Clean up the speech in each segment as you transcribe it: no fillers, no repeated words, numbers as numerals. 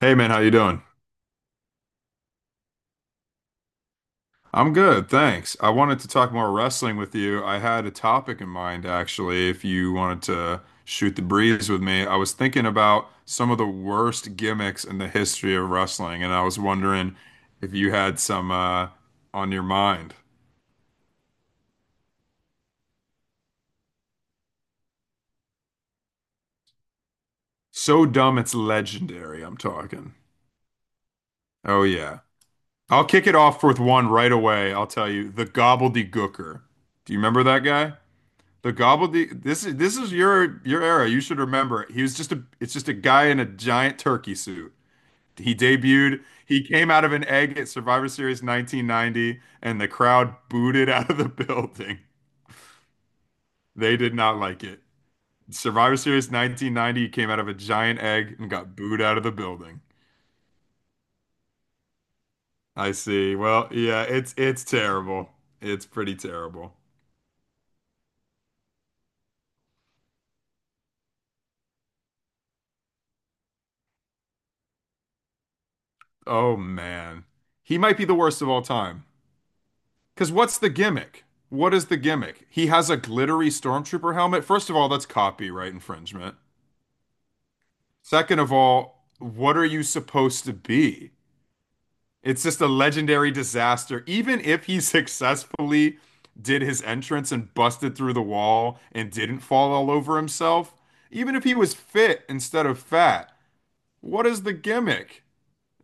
Hey man, how you doing? I'm good, thanks. I wanted to talk more wrestling with you. I had a topic in mind actually, if you wanted to shoot the breeze with me. I was thinking about some of the worst gimmicks in the history of wrestling, and I was wondering if you had some on your mind. So dumb it's legendary, I'm talking. Oh yeah. I'll kick it off with one right away. I'll tell you, the gobbledygooker. Do you remember that guy? The gobbledygook. This is your era. You should remember. He was just a. It's just a guy in a giant turkey suit. He debuted. He came out of an egg at Survivor Series 1990, and the crowd booed it out of the building. They did not like it. Survivor Series 1990, he came out of a giant egg and got booed out of the building. I see. Well, yeah, it's terrible. It's pretty terrible. Oh man. He might be the worst of all time. Because what's the gimmick? What is the gimmick? He has a glittery stormtrooper helmet. First of all, that's copyright infringement. Second of all, what are you supposed to be? It's just a legendary disaster. Even if he successfully did his entrance and busted through the wall and didn't fall all over himself, even if he was fit instead of fat, what is the gimmick?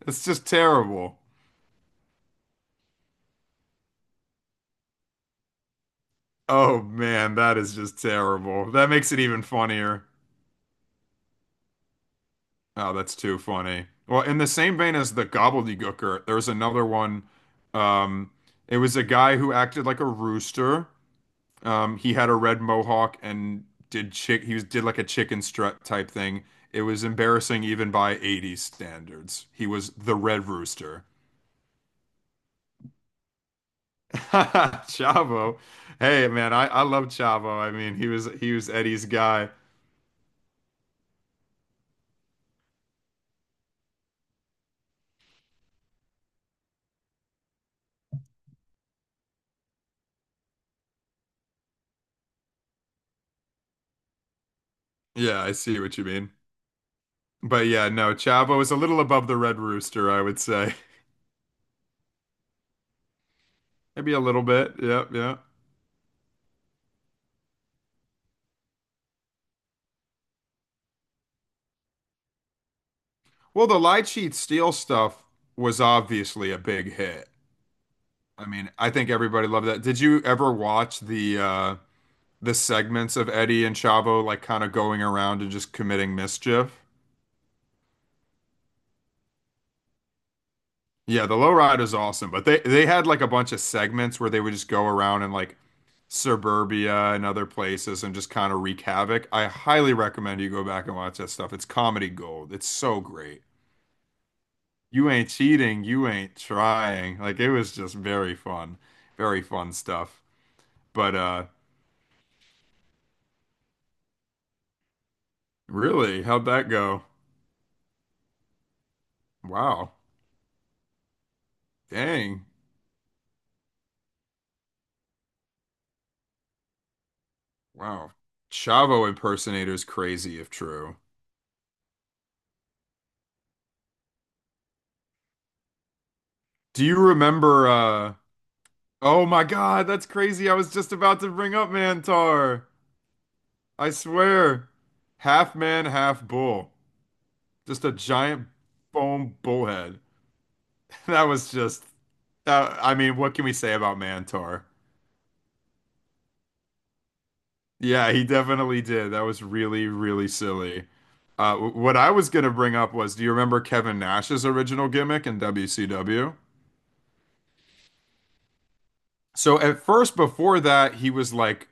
It's just terrible. Oh man, that is just terrible. That makes it even funnier. Oh, that's too funny. Well, in the same vein as the gobbledygooker, there's another one. Um, it was a guy who acted like a rooster. He had a red mohawk and did chick. He was did like a chicken strut type thing. It was embarrassing even by 80s standards. He was the Red Rooster. Chavo. Hey, man, I love Chavo. I mean, he was Eddie's guy. Yeah, I see what you mean. But yeah, no, Chavo is a little above the Red Rooster, I would say. Maybe a little bit. Yeah, yeah. Well, the Lie Cheat Steal stuff was obviously a big hit. I mean, I think everybody loved that. Did you ever watch the segments of Eddie and Chavo like kind of going around and just committing mischief? Yeah, the Lowrider is awesome, but they had like a bunch of segments where they would just go around and like suburbia and other places and just kind of wreak havoc. I highly recommend you go back and watch that stuff. It's comedy gold. It's so great. You ain't cheating, you ain't trying. Like it was just very fun. Very fun stuff. But really, how'd that go? Wow. Dang. Wow. Chavo impersonator's crazy if true. Do you remember oh my God, that's crazy. I was just about to bring up Mantar. I swear. Half man, half bull. Just a giant foam bullhead. That was just I mean, what can we say about Mantar? Yeah, he definitely did. That was really, really silly. What I was going to bring up was, do you remember Kevin Nash's original gimmick in WCW? So at first, before that, he was like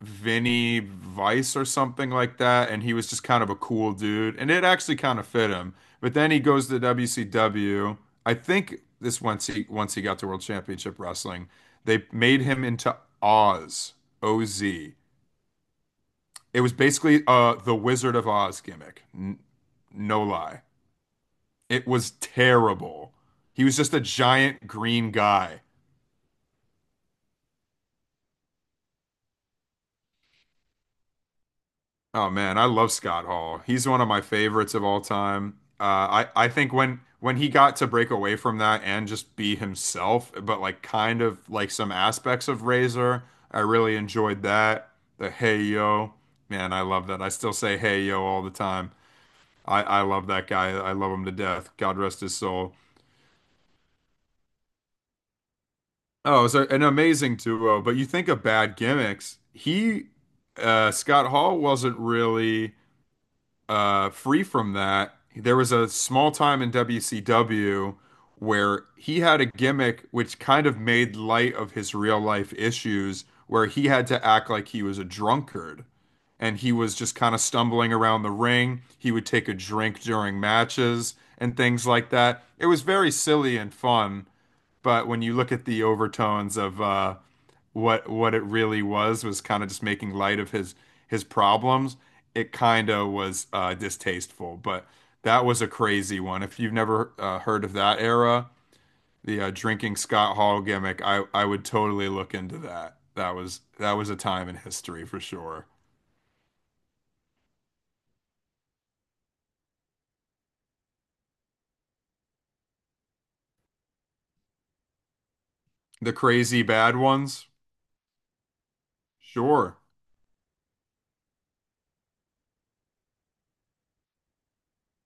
Vinny Vice or something like that, and he was just kind of a cool dude, and it actually kind of fit him. But then he goes to WCW. I think this once he got to World Championship Wrestling, they made him into Oz, OZ. It was basically the Wizard of Oz gimmick. No lie. It was terrible. He was just a giant green guy. Oh man, I love Scott Hall. He's one of my favorites of all time. I think when he got to break away from that and just be himself, but like kind of like some aspects of Razor, I really enjoyed that. The hey yo, man, I love that. I still say hey yo all the time. I love that guy. I love him to death. God rest his soul. Oh, it's an amazing duo, but you think of bad gimmicks. Scott Hall wasn't really free from that. There was a small time in WCW where he had a gimmick which kind of made light of his real life issues, where he had to act like he was a drunkard and he was just kind of stumbling around the ring. He would take a drink during matches and things like that. It was very silly and fun, but when you look at the overtones of, what it really was kind of just making light of his problems. It kind of was distasteful, but that was a crazy one. If you've never heard of that era, the drinking Scott Hall gimmick, I would totally look into that. That was a time in history for sure. The crazy bad ones, sure.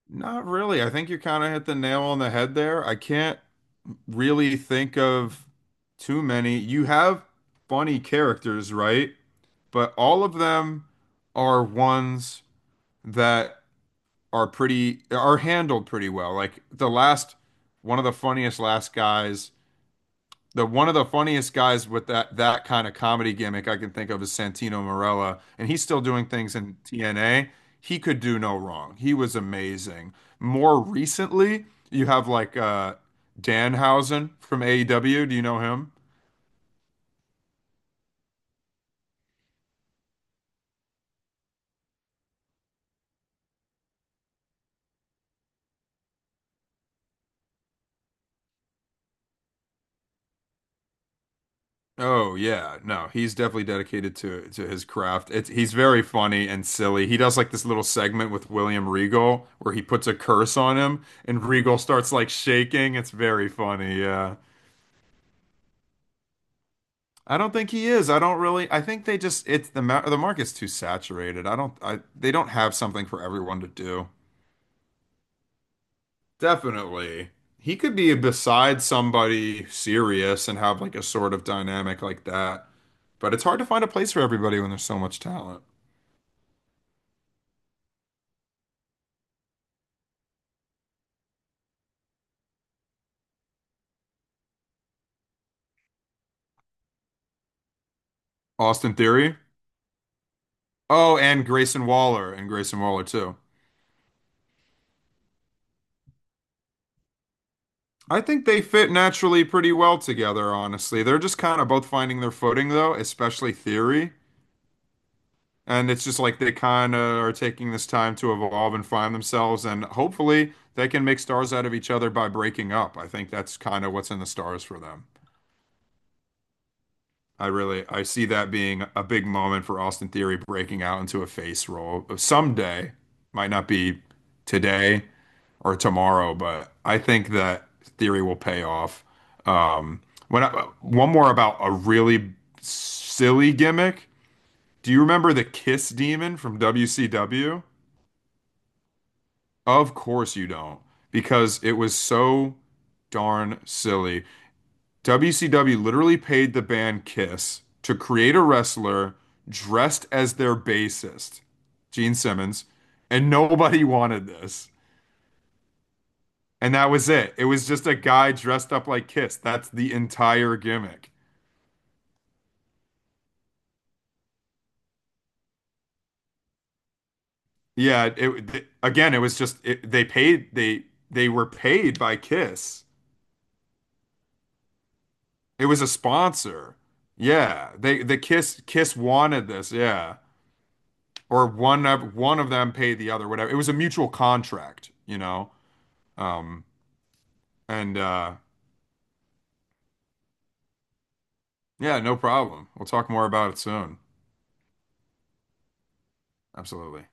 Not really. I think you kind of hit the nail on the head there. I can't really think of too many. You have funny characters, right? But all of them are ones that are handled pretty well. Like the last one of the funniest last guys, the one of the funniest guys with that kind of comedy gimmick I can think of is Santino Marella, and he's still doing things in TNA. He could do no wrong. He was amazing. More recently, you have like Danhausen from AEW. Do you know him? Oh yeah, no, he's definitely dedicated to his craft. It's he's very funny and silly. He does like this little segment with William Regal where he puts a curse on him and Regal starts like shaking. It's very funny. Yeah. I don't think he is. I don't really. I think they just it's the ma the market's too saturated. I don't I they don't have something for everyone to do. Definitely. He could be beside somebody serious and have like a sort of dynamic like that. But it's hard to find a place for everybody when there's so much talent. Austin Theory? Oh, and Grayson Waller too. I think they fit naturally pretty well together, honestly. They're just kind of both finding their footing though, especially Theory. And it's just like they kind of are taking this time to evolve and find themselves, and hopefully they can make stars out of each other by breaking up. I think that's kind of what's in the stars for them. I see that being a big moment for Austin Theory breaking out into a face role someday. Might not be today, or tomorrow, but I think that theory will pay off. Um, when I, one more about a really silly gimmick. Do you remember the Kiss Demon from WCW? Of course you don't, because it was so darn silly. WCW literally paid the band Kiss to create a wrestler dressed as their bassist, Gene Simmons, and nobody wanted this. And that was it. It was just a guy dressed up like Kiss. That's the entire gimmick. Yeah, again, it was just they paid they were paid by Kiss. It was a sponsor. Yeah, they the Kiss wanted this. Yeah, or one of them paid the other. Whatever. It was a mutual contract, you know. Um, and yeah, no problem. We'll talk more about it soon. Absolutely.